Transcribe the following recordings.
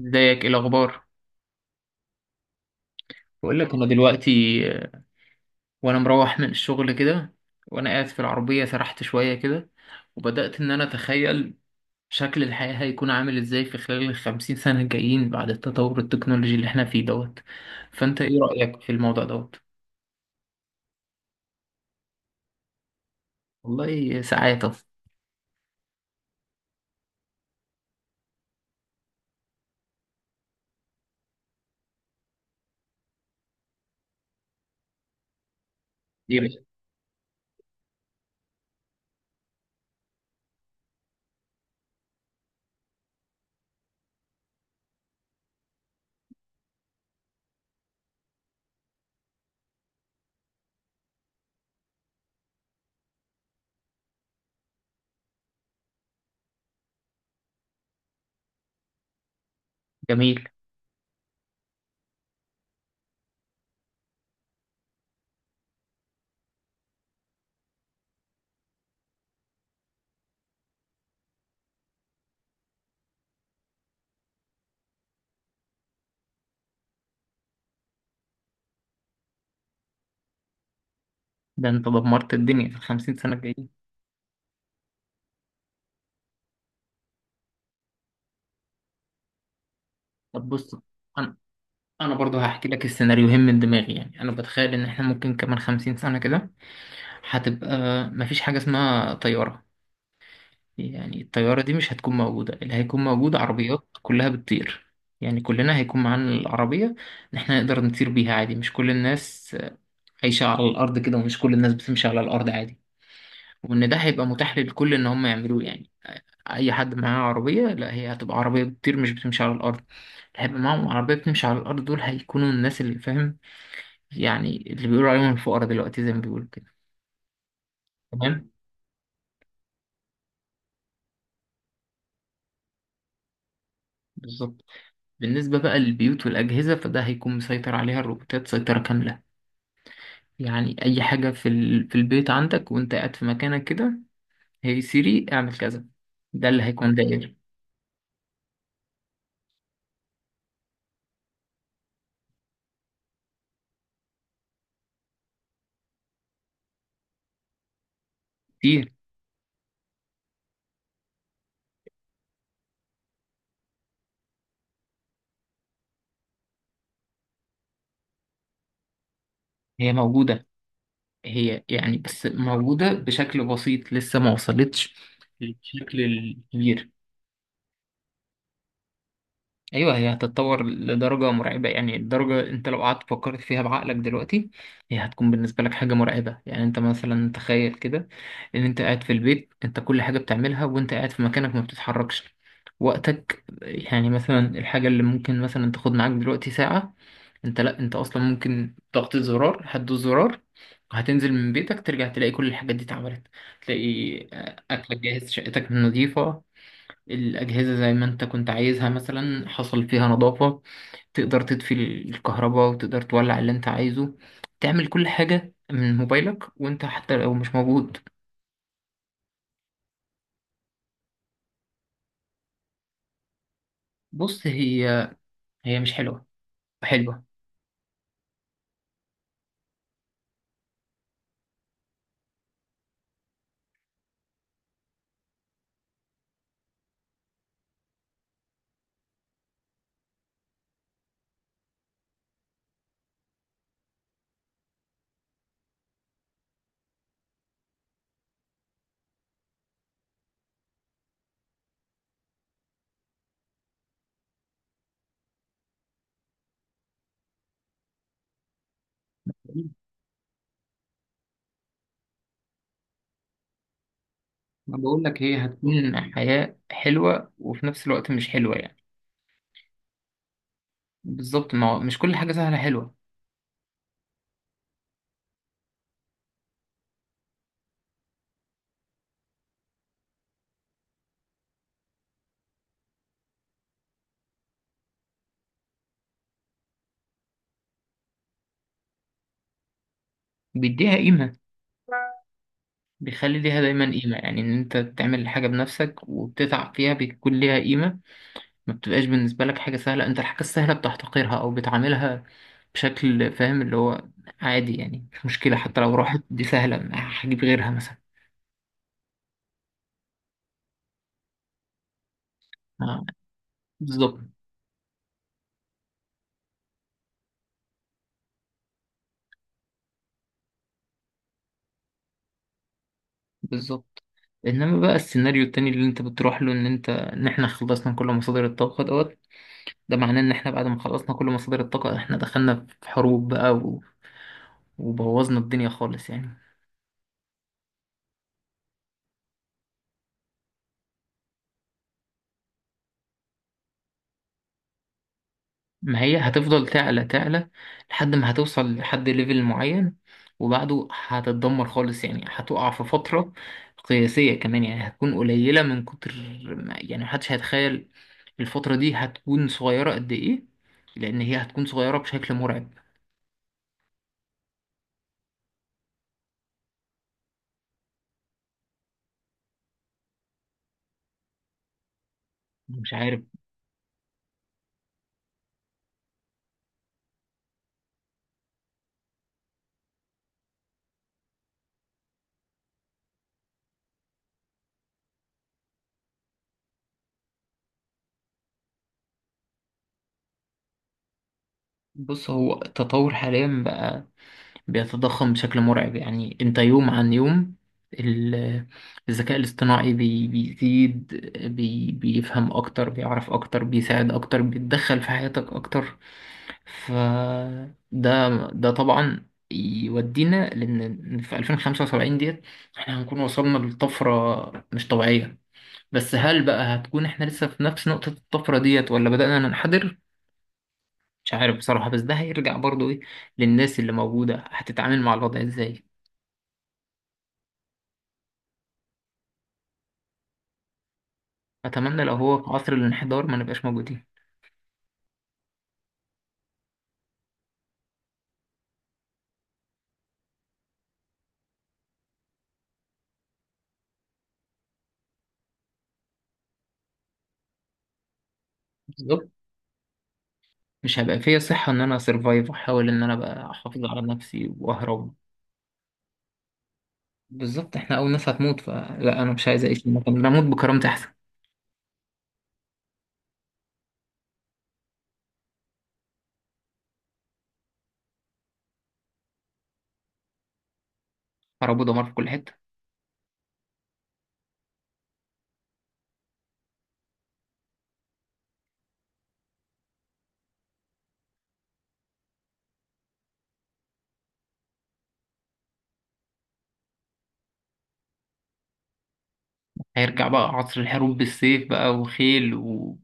ازيك؟ ايه الاخبار؟ بقول لك انا دلوقتي. آه، وانا مروح من الشغل كده، وانا قاعد في العربيه سرحت شويه كده، وبدات ان انا اتخيل شكل الحياه هيكون عامل ازاي في خلال الخمسين سنه الجايين بعد التطور التكنولوجي اللي احنا فيه دوت. فانت ايه رايك في الموضوع دوت؟ والله ساعات كتير. جميل. ده انت دمرت الدنيا في الخمسين سنه الجايين. طب بص، انا انا برضه هحكي لك السيناريوهين من دماغي. يعني انا بتخيل ان احنا ممكن كمان خمسين سنه كده هتبقى مفيش حاجه اسمها طياره. يعني الطيارة دي مش هتكون موجودة، اللي هيكون موجود عربيات كلها بتطير. يعني كلنا هيكون معانا العربية، إن إحنا نقدر نطير بيها عادي، مش كل الناس عايشة على الأرض كده، ومش كل الناس بتمشي على الأرض عادي، وإن ده هيبقى متاح للكل إن هم يعملوه. يعني أي حد معاه عربية، لا هي هتبقى عربية بتطير مش بتمشي على الأرض. اللي هيبقى معاهم عربية بتمشي على الأرض دول هيكونوا الناس اللي فاهم، يعني اللي بيقولوا عليهم الفقراء دلوقتي زي ما بيقولوا كده. تمام، بالظبط. بالنسبة بقى للبيوت والأجهزة، فده هيكون مسيطر عليها الروبوتات سيطرة كاملة. يعني اي حاجة في في البيت عندك، وانت قاعد في مكانك كده، هي سيري اعمل كذا. ده اللي هيكون داير كتير. هي موجودة، هي يعني بس موجودة بشكل بسيط، لسه ما وصلتش للشكل الكبير. ايوه، هي هتتطور لدرجه مرعبه، يعني الدرجه انت لو قعدت فكرت فيها بعقلك دلوقتي هي هتكون بالنسبه لك حاجه مرعبه. يعني انت مثلا تخيل كده، ان انت قاعد في البيت، انت كل حاجه بتعملها وانت قاعد في مكانك ما بتتحركش وقتك. يعني مثلا الحاجه اللي ممكن مثلا تاخد معاك دلوقتي ساعه، انت لا، انت اصلا ممكن ضغط زرار، هتدوس زرار هتنزل من بيتك، ترجع تلاقي كل الحاجات دي اتعملت. تلاقي آه، اكلك جاهز، شقتك نظيفه، الأجهزة زي ما أنت كنت عايزها مثلا حصل فيها نظافة، تقدر تطفي الكهرباء وتقدر تولع اللي أنت عايزه، تعمل كل حاجة من موبايلك وأنت حتى لو مش موجود. بص، هي هي مش حلوة حلوة. ما بقول لك، هي هتكون حياة حلوة وفي نفس الوقت مش حلوة يعني. بالظبط، ما هو مش كل حاجة سهلة حلوة. بيديها قيمة، بيخلي ليها دايما قيمة، يعني إن أنت تعمل حاجة بنفسك وبتتعب فيها بيكون ليها قيمة. ما بتبقاش بالنسبة لك حاجة سهلة، انت الحاجة السهلة بتحتقرها او بتعاملها بشكل فاهم، اللي هو عادي، يعني مش مشكلة، حتى لو راحت دي سهلة هجيب غيرها مثلا. آه، بالظبط بالظبط. انما بقى السيناريو التاني اللي انت بتروح له، ان انت، ان احنا خلصنا كل مصادر الطاقة دوت، ده معناه ان احنا بعد ما خلصنا كل مصادر الطاقة احنا دخلنا في حروب بقى وبوظنا الدنيا خالص يعني. ما هي هتفضل تعلى تعلى لحد ما هتوصل لحد ليفل معين، وبعده هتتدمر خالص، يعني هتقع في فترة قياسية كمان، يعني هتكون قليلة من كتر يعني محدش هيتخيل الفترة دي هتكون صغيرة قد إيه، لأن هي هتكون صغيرة بشكل مرعب. مش عارف. بص، هو التطور حاليا بقى بيتضخم بشكل مرعب، يعني انت يوم عن يوم ال- الذكاء الاصطناعي بيزيد، بي بيفهم اكتر، بيعرف اكتر، بيساعد اكتر، بيتدخل في حياتك اكتر. فده، ده طبعا يودينا لان في 2075 ديت احنا هنكون وصلنا لطفرة مش طبيعية. بس هل بقى هتكون احنا لسه في نفس نقطة الطفرة ديت، ولا بدأنا ننحدر؟ مش عارف بصراحة، بس ده هيرجع برضو ايه، للناس اللي موجودة هتتعامل مع الوضع ازاي. اتمنى لو هو في عصر الانحدار ما نبقاش موجودين. بالظبط، مش هبقى فيا صحة ان انا اسرفايف واحاول ان انا ابقى احافظ على نفسي واهرب. بالظبط، احنا اول ناس هتموت، فلا انا مش عايز اعيش في المكان ده، اموت بكرامتي احسن. حرب ودمار في كل حتة. هيرجع بقى عصر الحروب بالسيف بقى وخيل و-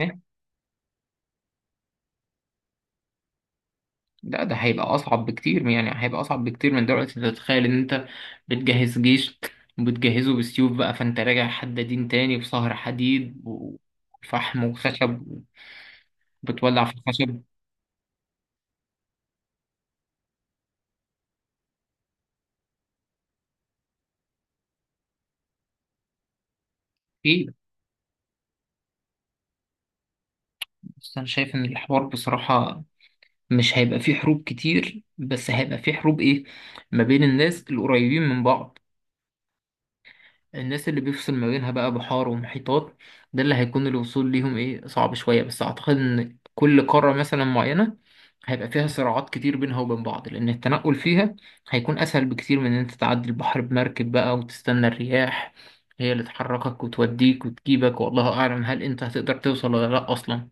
إيه؟ لا ده هيبقى اصعب بكتير، يعني هيبقى اصعب بكتير من دلوقتي. انت تتخيل ان انت بتجهز جيش وبتجهزه بالسيوف بقى، فانت راجع حدادين تاني في سهر حديد وفحم وخشب، وبتولع في الخشب. ايه، بس أنا شايف إن الحوار بصراحة مش هيبقى فيه حروب كتير، بس هيبقى فيه حروب إيه، ما بين الناس القريبين من بعض. الناس اللي بيفصل ما بينها بقى بحار ومحيطات، ده اللي هيكون الوصول ليهم إيه، صعب شوية، بس أعتقد إن كل قارة مثلا معينة هيبقى فيها صراعات كتير بينها وبين بعض، لأن التنقل فيها هيكون أسهل بكتير من إن أنت تعدي البحر بمركب بقى، وتستنى الرياح هي اللي تحركك وتوديك وتجيبك، والله أعلم هل أنت هتقدر توصل ولا لأ أصلا.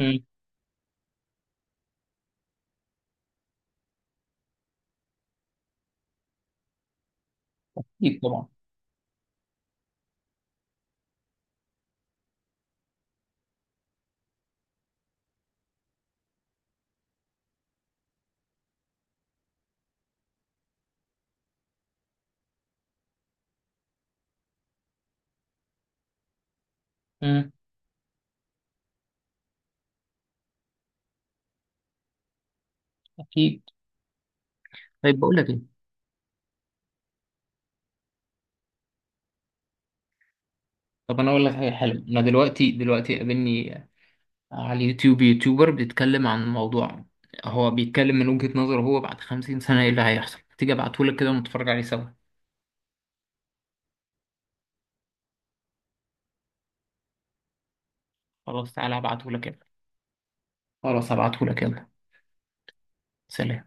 مم. أكيد طبعا. مم. اكيد. طيب بقول لك ايه، طب انا اقول لك حاجه حلوه، انا دلوقتي قابلني على اليوتيوب يوتيوبر بيتكلم عن موضوع، هو بيتكلم من وجهة نظره هو بعد 50 سنه ايه اللي هيحصل. تيجي ابعته لك كده ونتفرج عليه سوا؟ خلاص تعالى ابعته لك كده. خلاص ابعته لك، يلا. سلام.